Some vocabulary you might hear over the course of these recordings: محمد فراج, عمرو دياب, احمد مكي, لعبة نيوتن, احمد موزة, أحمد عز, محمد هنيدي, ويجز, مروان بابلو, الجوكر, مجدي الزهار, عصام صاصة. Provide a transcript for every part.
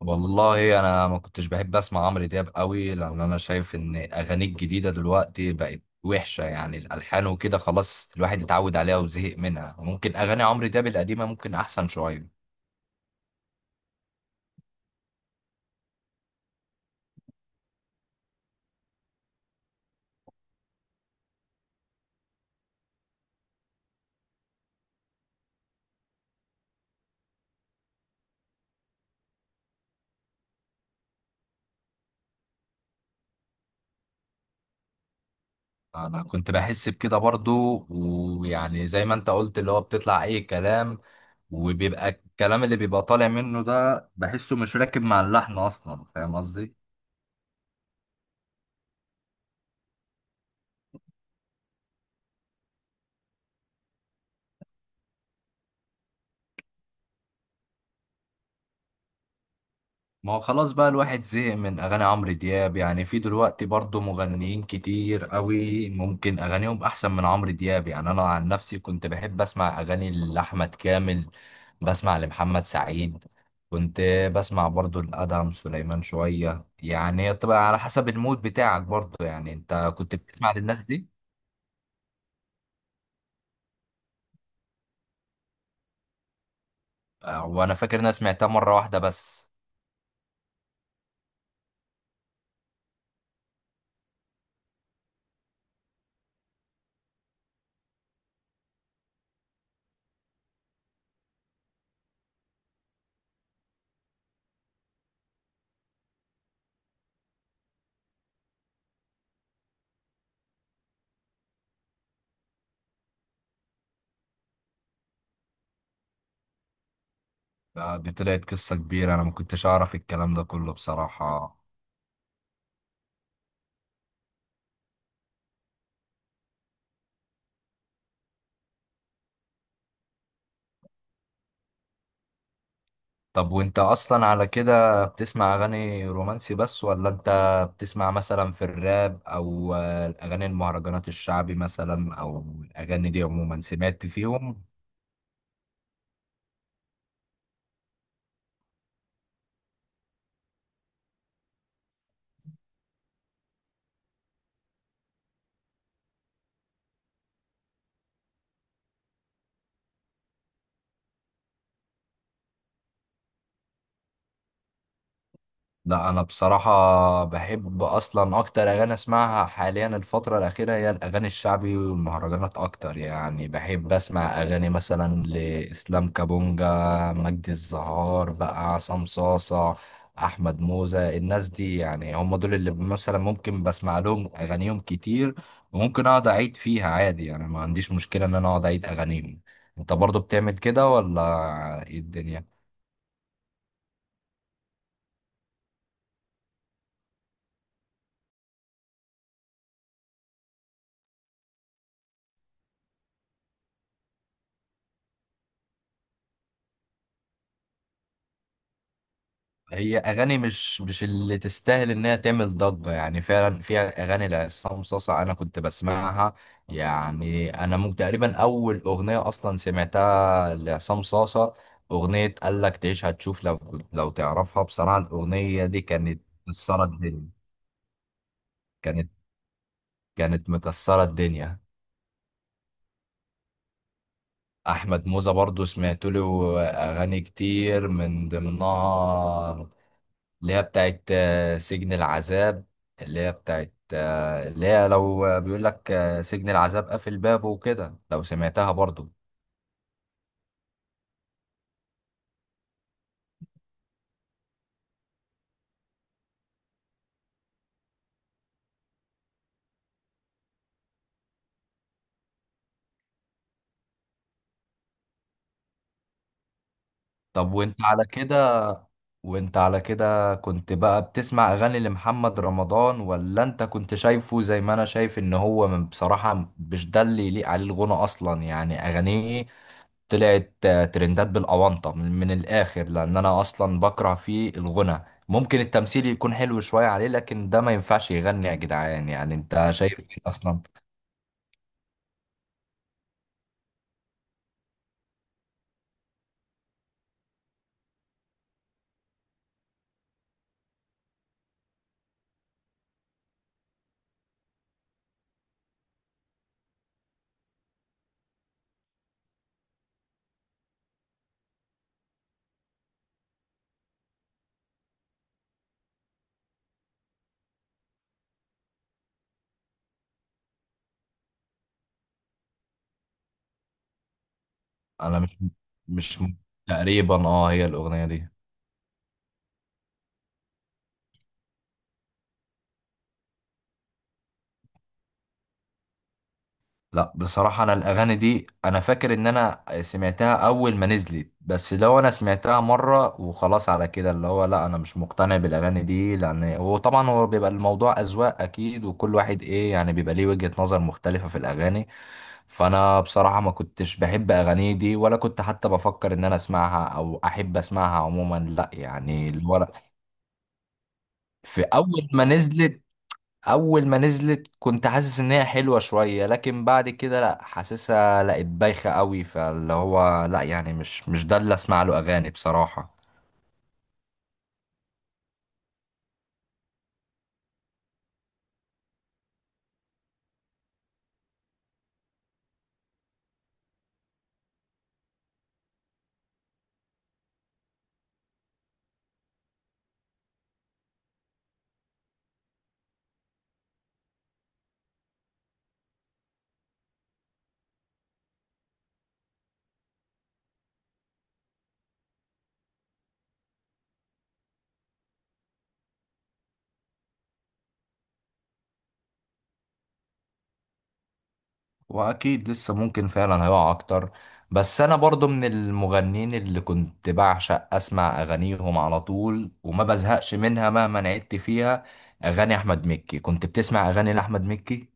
والله انا ما كنتش بحب اسمع عمرو دياب قوي، لان انا شايف ان اغانيه الجديده دلوقتي بقت وحشه، يعني الالحان وكده. خلاص الواحد اتعود عليها وزهق منها. ممكن اغاني عمرو دياب القديمه ممكن احسن شويه. انا كنت بحس بكده برضو، ويعني زي ما انت قلت اللي هو بتطلع اي كلام، وبيبقى الكلام اللي بيبقى طالع منه ده بحسه مش راكب مع اللحن اصلا، فاهم قصدي؟ ما هو خلاص بقى الواحد زهق من اغاني عمرو دياب، يعني في دلوقتي برضه مغنيين كتير قوي ممكن اغانيهم احسن من عمرو دياب. يعني انا عن نفسي كنت بحب اسمع اغاني لاحمد كامل، بسمع لمحمد سعيد، كنت بسمع برضه لادهم سليمان شويه. يعني هي بتبقى على حسب المود بتاعك برضه. يعني انت كنت بتسمع للناس دي؟ آه، وانا فاكر إن انا سمعتها مره واحده بس. آه، دي طلعت قصه كبيره، انا ما كنتش اعرف الكلام ده كله بصراحه. طب وانت اصلا على كده بتسمع اغاني رومانسي بس، ولا انت بتسمع مثلا في الراب، او الاغاني المهرجانات الشعبي مثلا، او الاغاني دي عموما سمعت فيهم؟ لا، انا بصراحه بحب اصلا اكتر اغاني اسمعها حاليا الفتره الاخيره هي الاغاني الشعبي والمهرجانات اكتر. يعني بحب اسمع اغاني مثلا لاسلام كابونجا، مجدي الزهار بقى، عصام صاصه، احمد موزة. الناس دي يعني هم دول اللي مثلا ممكن بسمع لهم اغانيهم كتير، وممكن اقعد اعيد فيها عادي. يعني ما عنديش مشكله ان انا اقعد اعيد اغانيهم. انت برضو بتعمل كده ولا ايه الدنيا؟ هي اغاني مش اللي تستاهل انها تعمل ضجه. يعني فعلا فيها اغاني لعصام صاصا انا كنت بسمعها. يعني انا ممكن تقريبا اول اغنيه اصلا سمعتها لعصام صاصا اغنيه قال لك تعيش هتشوف، لو تعرفها بصراحه الاغنيه دي كانت مكسره الدنيا. كانت كانت مكسره الدنيا. احمد موزة برضو سمعت له اغاني كتير من ضمنها اللي هي بتاعت سجن العذاب، اللي هي بتاعت اللي هي لو بيقول لك سجن العذاب قافل بابه وكده، لو سمعتها برضو. طب وانت على كده كنت بقى بتسمع اغاني لمحمد رمضان، ولا انت كنت شايفه زي ما انا شايف ان هو بصراحة مش ده اللي يليق عليه الغنى اصلا؟ يعني اغانيه طلعت ترندات بالاونطه من الاخر، لان انا اصلا بكره فيه الغنى. ممكن التمثيل يكون حلو شويه عليه، لكن ده ما ينفعش يغني يا جدعان. يعني انت شايف ايه اصلا؟ انا مش مش م- تقريبا هي الاغنيه دي. لا، بصراحة أنا الأغاني دي أنا فاكر إن أنا سمعتها أول ما نزلت، بس لو أنا سمعتها مرة وخلاص، على كده اللي هو لا، أنا مش مقتنع بالأغاني دي. لأن وطبعا هو بيبقى الموضوع أذواق أكيد، وكل واحد إيه يعني بيبقى ليه وجهة نظر مختلفة في الأغاني. فأنا بصراحة ما كنتش بحب أغاني دي، ولا كنت حتى بفكر إن أنا أسمعها أو أحب أسمعها عموما، لا يعني اللي هو لا. في أول ما نزلت اول ما نزلت كنت حاسس ان هي حلوه شويه، لكن بعد كده لا، حاسسها لقيت بايخه قوي، فاللي هو لا، يعني مش ده اللي اسمع له اغاني بصراحه. واكيد لسه ممكن فعلا هيقع اكتر. بس انا برضو من المغنين اللي كنت بعشق اسمع اغانيهم على طول وما بزهقش منها مهما عدت فيها. اغاني احمد مكي، كنت بتسمع اغاني لاحمد مكي؟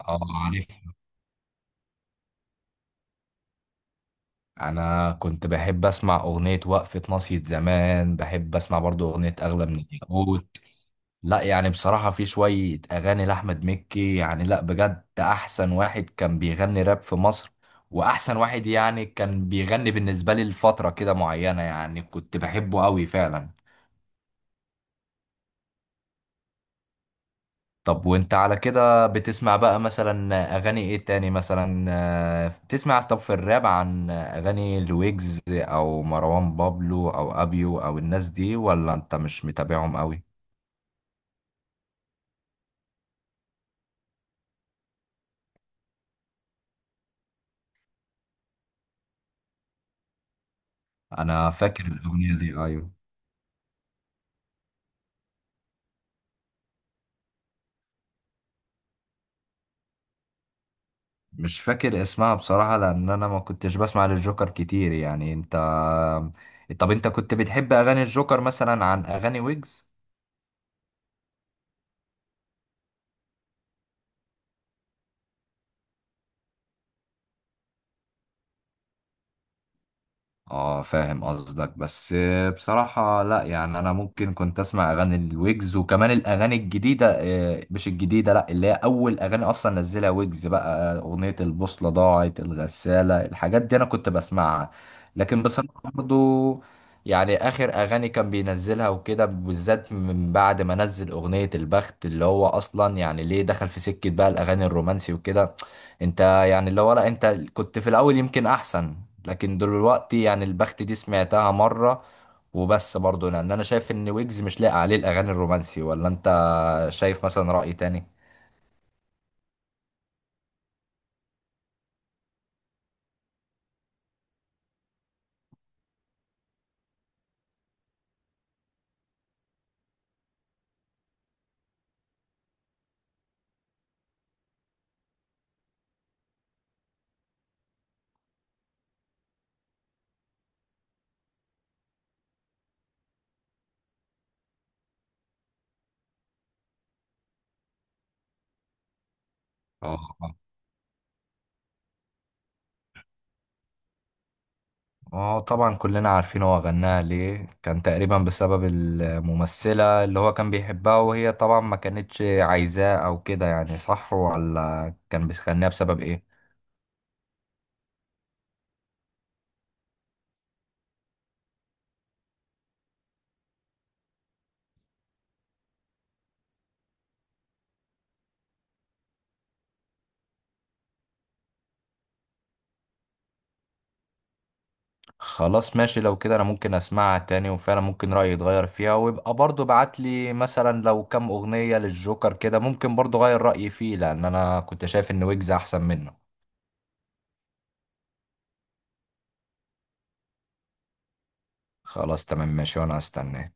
اه، عارف. انا كنت بحب اسمع اغنيه وقفه ناصية زمان، بحب اسمع برضو اغنيه اغلى من الياقوت. لا، يعني بصراحة في شوية أغاني لأحمد مكي، يعني لا بجد أحسن واحد كان بيغني راب في مصر، وأحسن واحد يعني كان بيغني بالنسبة لي لفترة كده معينة. يعني كنت بحبه أوي فعلا. طب وأنت على كده بتسمع بقى مثلا أغاني إيه تاني مثلا؟ بتسمع طب في الراب عن أغاني لويجز أو مروان بابلو أو أبيو أو الناس دي، ولا أنت مش متابعهم أوي؟ أنا فاكر الأغنية دي، أيوه. مش فاكر اسمها بصراحة لأن أنا ما كنتش بسمع للجوكر كتير. يعني أنت طب أنت كنت بتحب أغاني الجوكر مثلا عن أغاني ويجز؟ اه، فاهم قصدك بس. بصراحة لا، يعني انا ممكن كنت اسمع اغاني الويجز وكمان الاغاني الجديدة، مش الجديدة، لا اللي هي اول اغاني اصلا نزلها ويجز بقى، اغنية البوصلة، ضاعت الغسالة، الحاجات دي انا كنت بسمعها. لكن بصراحة برضو، يعني اخر اغاني كان بينزلها وكده بالذات من بعد ما نزل اغنية البخت اللي هو اصلا، يعني ليه دخل في سكة بقى الاغاني الرومانسي وكده. انت يعني اللي هو لا انت كنت في الاول يمكن احسن، لكن دلوقتي يعني البخت دي سمعتها مرة وبس برضه، لان انا شايف ان ويجز مش لاقي عليه الاغاني الرومانسي. ولا انت شايف مثلا رأي تاني؟ اه. اه، طبعا كلنا عارفين هو غناها ليه، كان تقريبا بسبب الممثلة اللي هو كان بيحبها وهي طبعا ما كانتش عايزاه او كده، يعني صح ولا كان بيغنيها بسبب ايه؟ خلاص ماشي، لو كده انا ممكن اسمعها تاني وفعلا ممكن رأيي يتغير فيها، ويبقى برضو بعت لي مثلا لو كام اغنية للجوكر كده ممكن برضو غير رأيي فيه، لان انا كنت شايف ان ويجز احسن منه. خلاص تمام ماشي وانا هستناه.